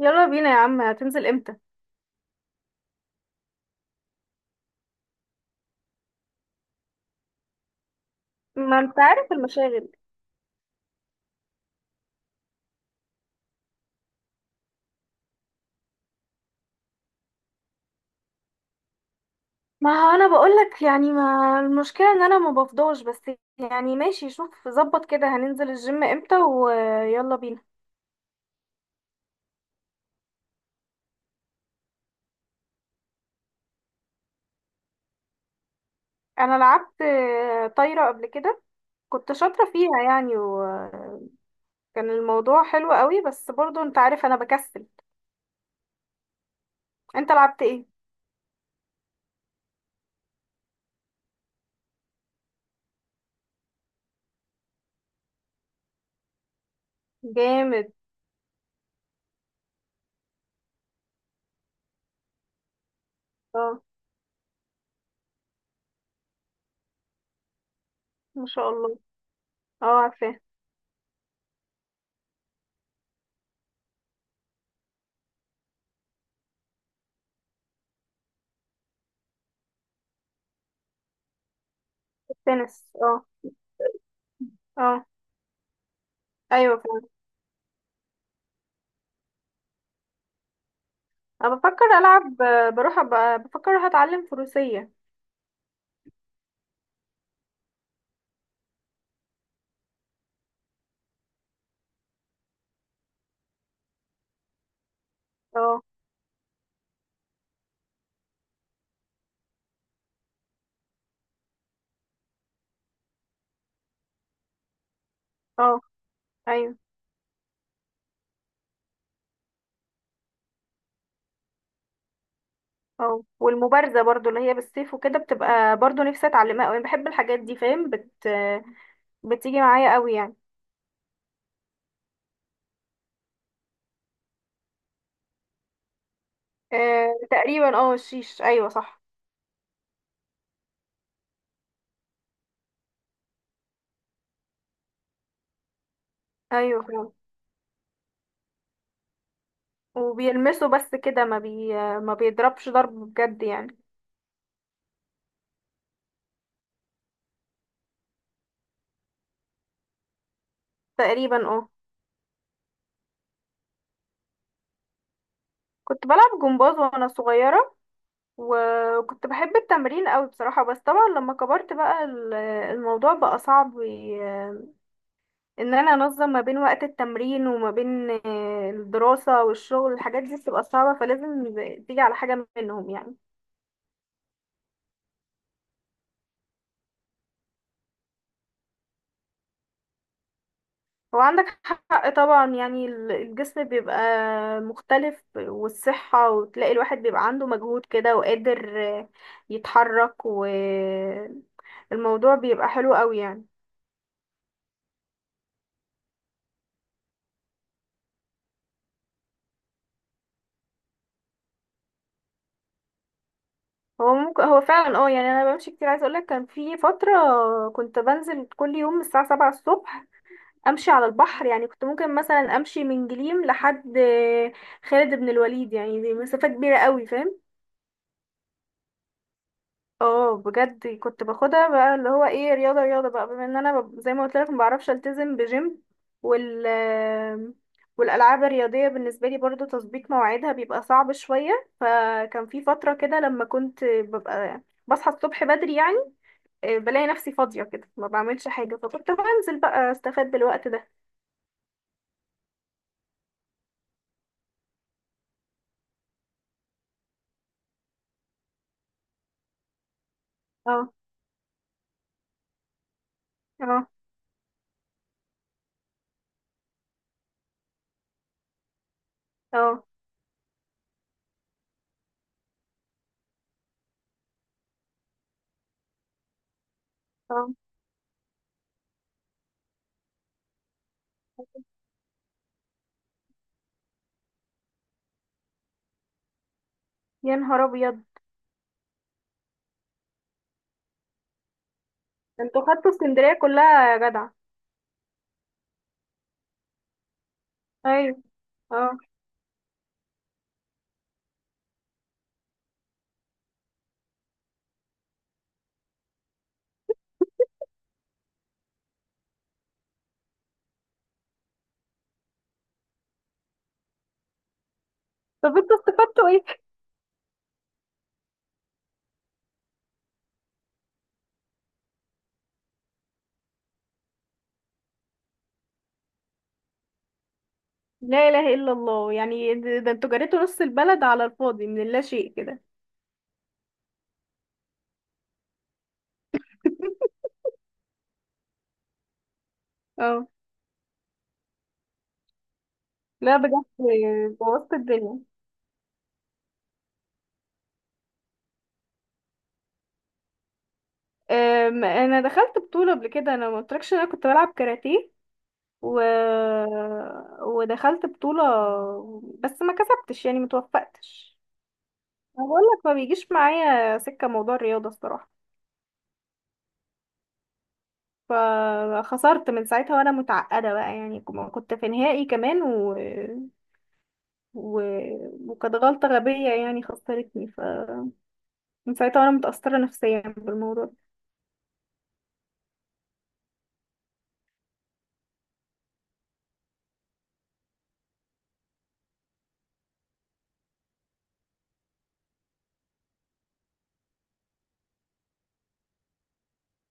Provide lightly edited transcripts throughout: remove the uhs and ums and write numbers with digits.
يلا بينا يا عم، هتنزل امتى؟ ما انت عارف المشاغل. ما هو انا بقولك يعني، ما المشكلة ان انا ما بفضاش بس. يعني ماشي، شوف ظبط كده هننزل الجيم امتى ويلا بينا. انا لعبت طايرة قبل كده. كنت شاطرة فيها يعني، وكان الموضوع حلو قوي بس برضو انت عارف انا بكسل. انت لعبت ايه؟ جامد. اه. ما شاء الله. اه عارفاه. تنس، اه. اه. ايوه فعلا. انا بفكر العب بروح أبقى بفكر هتعلم فروسية. اه. اه. ايوه. اه. والمبارزه برضو اللي هي بالسيف وكده، بتبقى برضو نفسي اتعلمها قوي، بحب الحاجات دي فاهم. بتيجي معايا قوي يعني. آه تقريبا، اه الشيش، ايوه صح. ايوه فعلا. وبيلمسوا بس كده، ما بيضربش ضرب بجد يعني. تقريبا، اه. كنت بلعب جمباز وانا صغيره، وكنت بحب التمرين قوي بصراحه. بس طبعا لما كبرت بقى، الموضوع بقى صعب ان انا انظم ما بين وقت التمرين وما بين الدراسة والشغل، الحاجات دي بتبقى صعبة، فلازم تيجي على حاجة منهم يعني. هو عندك حق طبعا، يعني الجسم بيبقى مختلف والصحة، وتلاقي الواحد بيبقى عنده مجهود كده وقادر آه، يتحرك، والموضوع بيبقى حلو قوي يعني. هو ممكن، هو فعلا اه يعني. انا بمشي كتير، عايزه اقولك كان في فتره كنت بنزل كل يوم الساعه 7 الصبح امشي على البحر، يعني كنت ممكن مثلا امشي من جليم لحد خالد بن الوليد، يعني دي مسافة كبيرة قوي فاهم. اه بجد، كنت باخدها بقى اللي هو ايه، رياضة رياضة بقى، بما ان انا زي ما قلت لك ما بعرفش التزم بجيم. وال والالعاب الرياضية بالنسبة لي برضو تظبيط مواعيدها بيبقى صعب شوية. فكان في فترة كده لما كنت ببقى بصحى الصبح بدري يعني، بلاقي نفسي فاضية كده ما بعملش حاجة، فكنت بنزل بقى استفاد بالوقت ده. اه. اه. اه. اه. يا نهار ابيض. ده انتوا خدتوا اسكندريه كلها يا جدع. ايوه. اه. طب انتوا استفدتوا ايه؟ لا اله الا الله، يعني ده انتوا جريتوا نص البلد على الفاضي من اللا شيء كده. اه. لا بجد، بوظت الدنيا. انا دخلت بطوله قبل كده، انا ما قلتلكش إن انا كنت بلعب كاراتيه و... ودخلت بطوله، بس ما كسبتش يعني متوفقتش. انا بقول لك، ما بيجيش معايا سكه موضوع الرياضه الصراحه. فخسرت من ساعتها وانا متعقده بقى، يعني كنت في نهائي كمان و... وكانت غلطه غبيه يعني خسرتني، فمن ساعتها وانا متاثره نفسيا بالموضوع ده.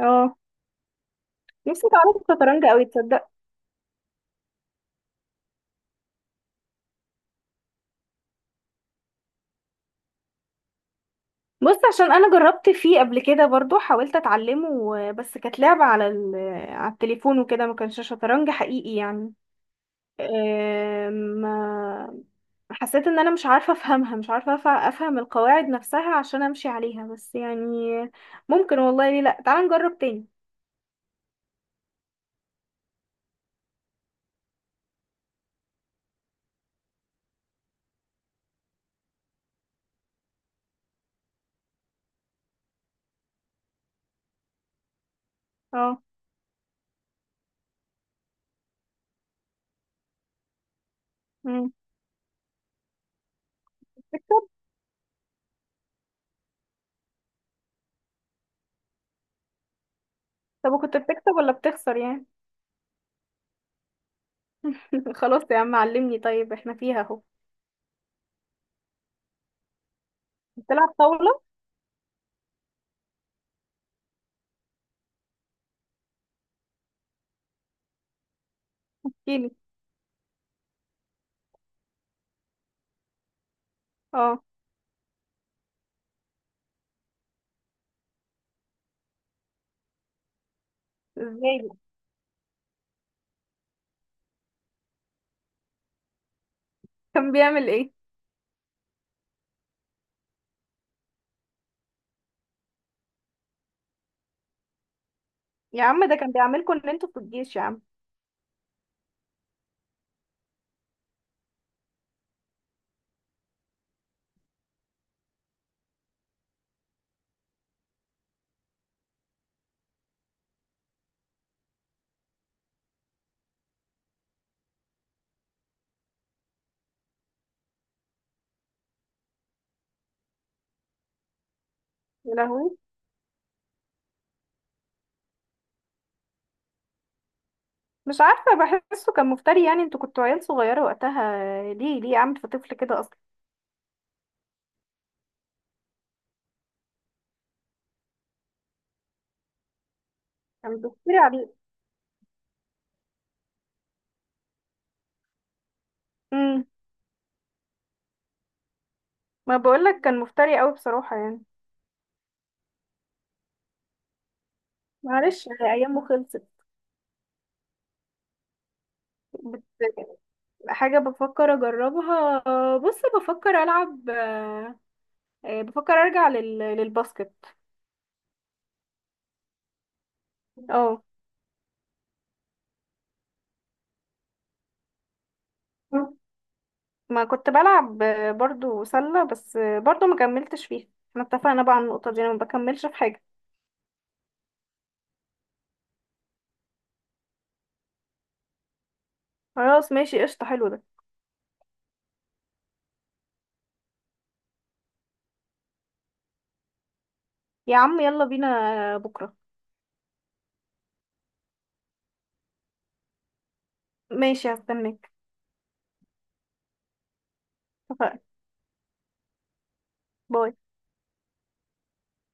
اه. نفسي اتعلم الشطرنج قوي تصدق. بص، عشان انا جربت فيه قبل كده برضو، حاولت اتعلمه بس كانت لعبه على على التليفون وكده، ما كانش شطرنج حقيقي يعني. ما حسيت ان انا مش عارفة افهمها، مش عارفة افهم القواعد نفسها عشان امشي عليها بس يعني. ممكن والله، ليه لا، تعال نجرب تاني. اه. مم. بتكسب. طب وكنت بتكسب ولا بتخسر يعني؟ خلاص يا عم علمني طيب، احنا فيها اهو. بتلعب طاولة. احكيلي. اه. ازاي بقى؟ كان بيعمل ايه؟ يا عم ده كان بيعملكوا ان انتوا في الجيش يا عم. يا لهوي. مش عارفة. بحسه كان مفتري، يعني انتوا كنتوا عيال صغيرة وقتها. ليه ليه عامل في طفل كده اصلا؟ كان بيفتري عليه. امم. ما بقولك كان مفتري قوي بصراحة يعني. معلش، هي ايامه خلصت. بت... حاجة بفكر اجربها، بص بفكر العب بفكر ارجع للباسكت. اه. ما كنت بلعب برضو سلة، بس برضو ما كملتش فيها. احنا اتفقنا بقى على النقطة دي، انا ما بكملش في حاجة. خلاص ماشي، قشطة، حلو ده. يا عم يلا بينا بكرة. ماشي هستناك. اتفقنا. باي.